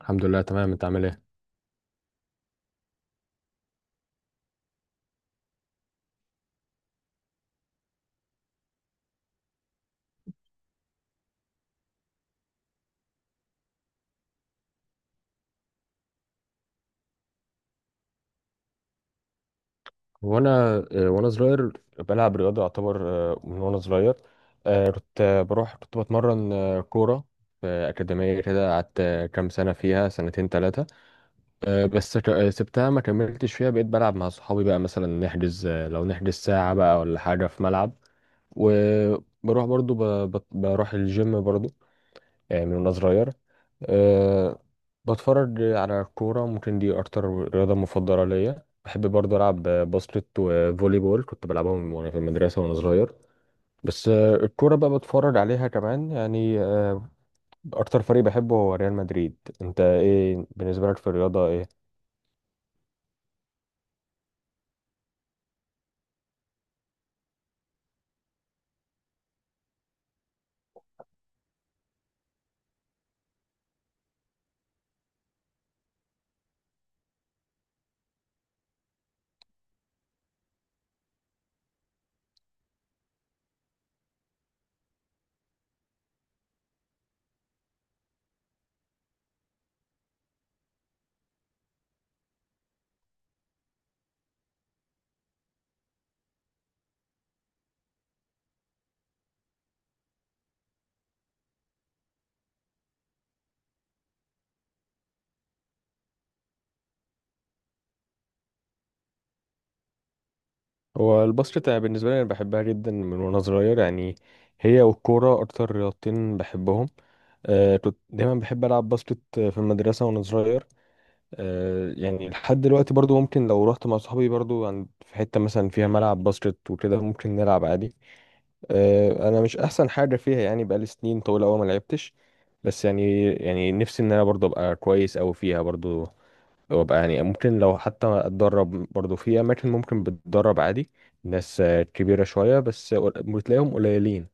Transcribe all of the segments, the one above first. الحمد لله تمام، انت عامل ايه؟ وانا وانا صغير بلعب رياضه يعتبر. من وانا صغير كنت بروح كنت بتمرن كوره في اكاديميه كده. قعدت كام سنه فيها، سنتين ثلاثه. بس سبتها ما كملتش فيها، بقيت بلعب مع صحابي بقى، مثلا نحجز لو نحجز ساعه بقى ولا حاجه في ملعب. وبروح برضو بروح الجيم برضو من وانا صغير. أه، بتفرج على الكورة. ممكن دي أكتر رياضة مفضلة ليا. بحب برضه ألعب باسكت وفولي بول، كنت بلعبهم وأنا في المدرسة وأنا صغير. بس الكورة بقى بتفرج عليها كمان. يعني أكتر فريق بحبه هو ريال مدريد. أنت إيه بالنسبة لك في الرياضة، إيه؟ هو الباسكت أنا بالنسبة لي أنا بحبها جدا من وأنا صغير. يعني هي والكورة أكتر رياضتين بحبهم. كنت دايما بحب ألعب باسكت في المدرسة وأنا صغير. يعني لحد دلوقتي برضو ممكن لو رحت مع صحابي برضو عند في حتة مثلا فيها ملعب باسكت وكده ممكن نلعب عادي. انا مش احسن حاجة فيها، يعني بقالي سنين طويلة أوي ما لعبتش. بس يعني نفسي ان انا برضو ابقى كويس أوي فيها برضو. وابقى يعني ممكن لو حتى اتدرب برضو في اماكن ممكن بتدرب عادي ناس كبيرة شوية، بس بتلاقيهم قليلين.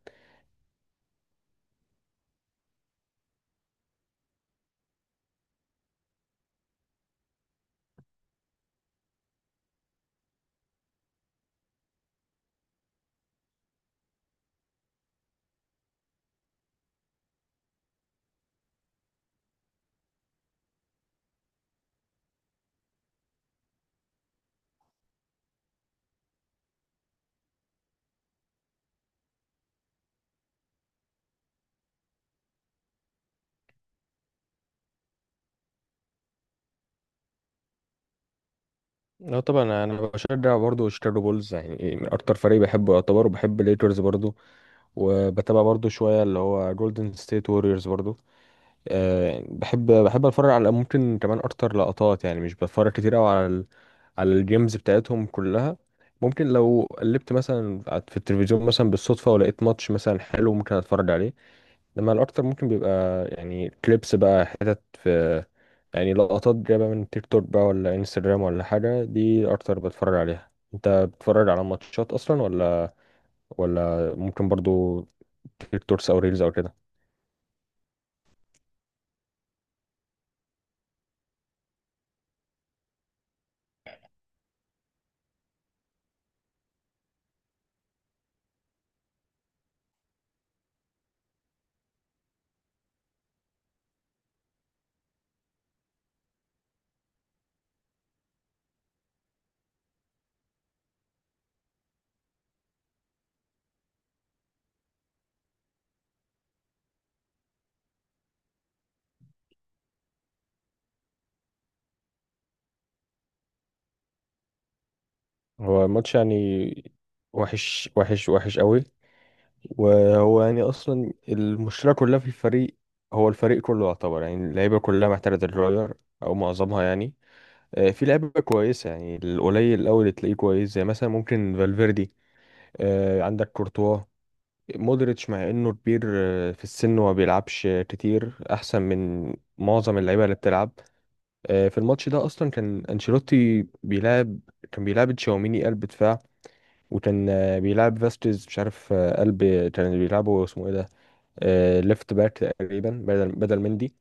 لا طبعا، انا أنا بشجع برضه شيكاغو بولز، يعني إيه، من اكتر فريق بحبه يعتبر. وبحب الليكرز برضه. وبتابع برضه شويه اللي هو جولدن ستيت ووريرز برضه. أه، بحب اتفرج على ممكن كمان اكتر لقطات، يعني مش بتفرج كتير قوي على على الجيمز بتاعتهم كلها. ممكن لو قلبت مثلا في التلفزيون مثلا بالصدفه ولقيت ماتش مثلا حلو ممكن اتفرج عليه. لما الاكتر ممكن بيبقى يعني كليبس بقى، حتت في يعني لقطات جايبه من تيك توك بقى ولا انستجرام ولا حاجه، دي اكتر بتفرج عليها. انت بتتفرج على ماتشات اصلا، ولا ممكن برضو تيك توكس او ريلز او كده؟ هو ماتش يعني وحش، وحش، وحش قوي. وهو يعني اصلا المشكله كلها في الفريق. هو الفريق كله يعتبر، يعني اللعيبه كلها محتاجه تتغير او معظمها يعني. في لعيبه كويسه، يعني القليل الاول اللي تلاقيه كويس زي مثلا ممكن فالفيردي، عندك كورتوا، مودريتش مع انه كبير في السن وما بيلعبش كتير، احسن من معظم اللعيبه اللي بتلعب. في الماتش ده اصلا كان انشيلوتي بيلعب، كان بيلعب تشاوميني قلب دفاع، وكان بيلعب فاستيز مش عارف قلب، كان بيلعبه اسمه ايه ده، ليفت باك تقريبا بدل مندي.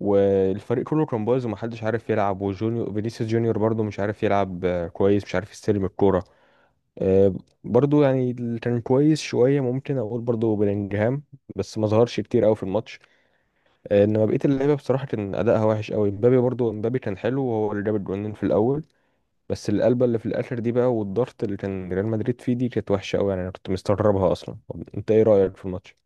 والفريق كله كان بايظ ومحدش عارف يلعب. وجونيور فينيسيوس جونيور برضه مش عارف يلعب كويس، مش عارف يستلم الكوره. آه، برضو يعني اللي كان كويس شوية ممكن أقول برضو بلينجهام، بس ما ظهرش كتير أوي في الماتش. إنما بقية اللعيبة بصراحة كان أداءها وحش أوي. مبابي برضو، مبابي كان حلو وهو اللي جاب الجونين في الأول. بس القلبة اللي في الآخر دي بقى والضغط اللي كان ريال مدريد فيه دي كانت وحشة أوي يعني، أنا كنت مستغربها أصلا. أنت إيه رأيك في الماتش؟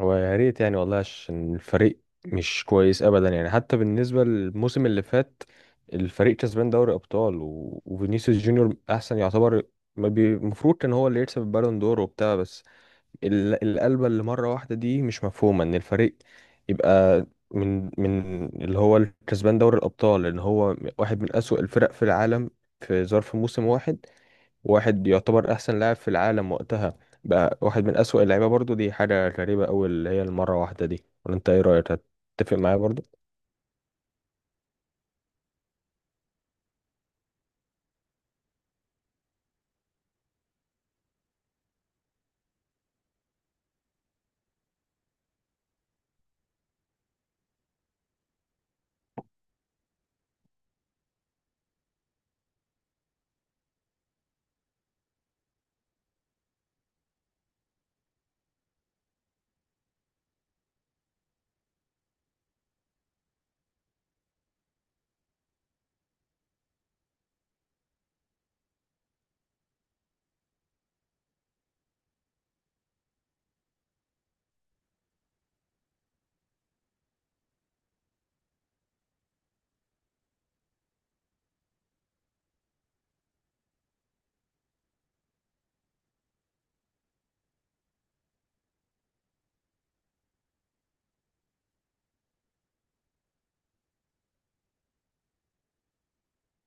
هو يا ريت يعني والله، عشان الفريق مش كويس ابدا، يعني حتى بالنسبه للموسم اللي فات. الفريق كسبان دوري ابطال وفينيسيوس جونيور احسن يعتبر. ما بي- المفروض كان هو اللي يكسب البالون دور وبتاع. بس القلبه اللي مره واحده دي مش مفهومه، ان الفريق يبقى من اللي هو الكسبان دوري الابطال ان هو واحد من اسوأ الفرق في العالم في ظرف موسم واحد. واحد يعتبر احسن لاعب في العالم وقتها بقى واحد من اسوأ اللعيبه برضو، دي حاجه غريبه قوي اللي هي المره واحده دي. ولا انت ايه رايك، هتتفق معايا برضو؟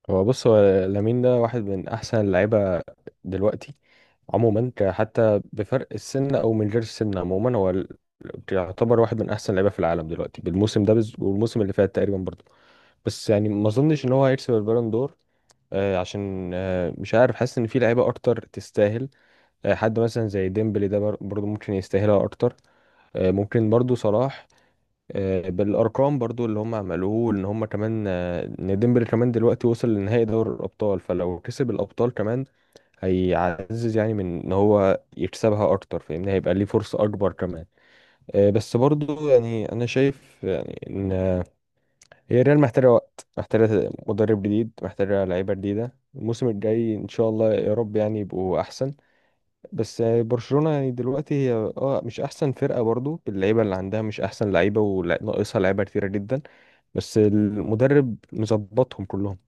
هو بص، هو لامين ده واحد من احسن اللعيبه دلوقتي عموما، حتى بفرق السن او من غير السن عموما، يعتبر واحد من احسن اللعيبه في العالم دلوقتي بالموسم ده والموسم اللي فات تقريبا برضو. بس يعني ما اظنش ان هو هيكسب البالون دور. آه، عشان آه مش عارف، حاسس ان في لعيبه اكتر تستاهل. حد مثلا زي ديمبلي ده برضو ممكن يستاهلها اكتر. ممكن برضو صلاح. بالارقام برضو اللي هم عملوه ان هم كمان، ان ديمبلي كمان دلوقتي وصل لنهائي دوري الابطال، فلو كسب الابطال كمان هيعزز يعني من ان هو يكسبها اكتر، فاهمني؟ هيبقى ليه فرصة اكبر كمان. بس برضو يعني انا شايف يعني ان هي ريال محتاجة وقت، محتاجة مدرب جديد، محتاجة لعيبة جديدة. الموسم الجاي ان شاء الله يا رب يعني يبقوا احسن. بس يعني برشلونة يعني دلوقتي هي اه مش احسن فرقة برضو، اللعيبة اللي عندها مش احسن لعيبة وناقصها لعيبة كتيرة جدا، بس المدرب مظبطهم كلهم.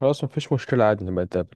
خلاص، مفيش مشكلة عادي، نبقى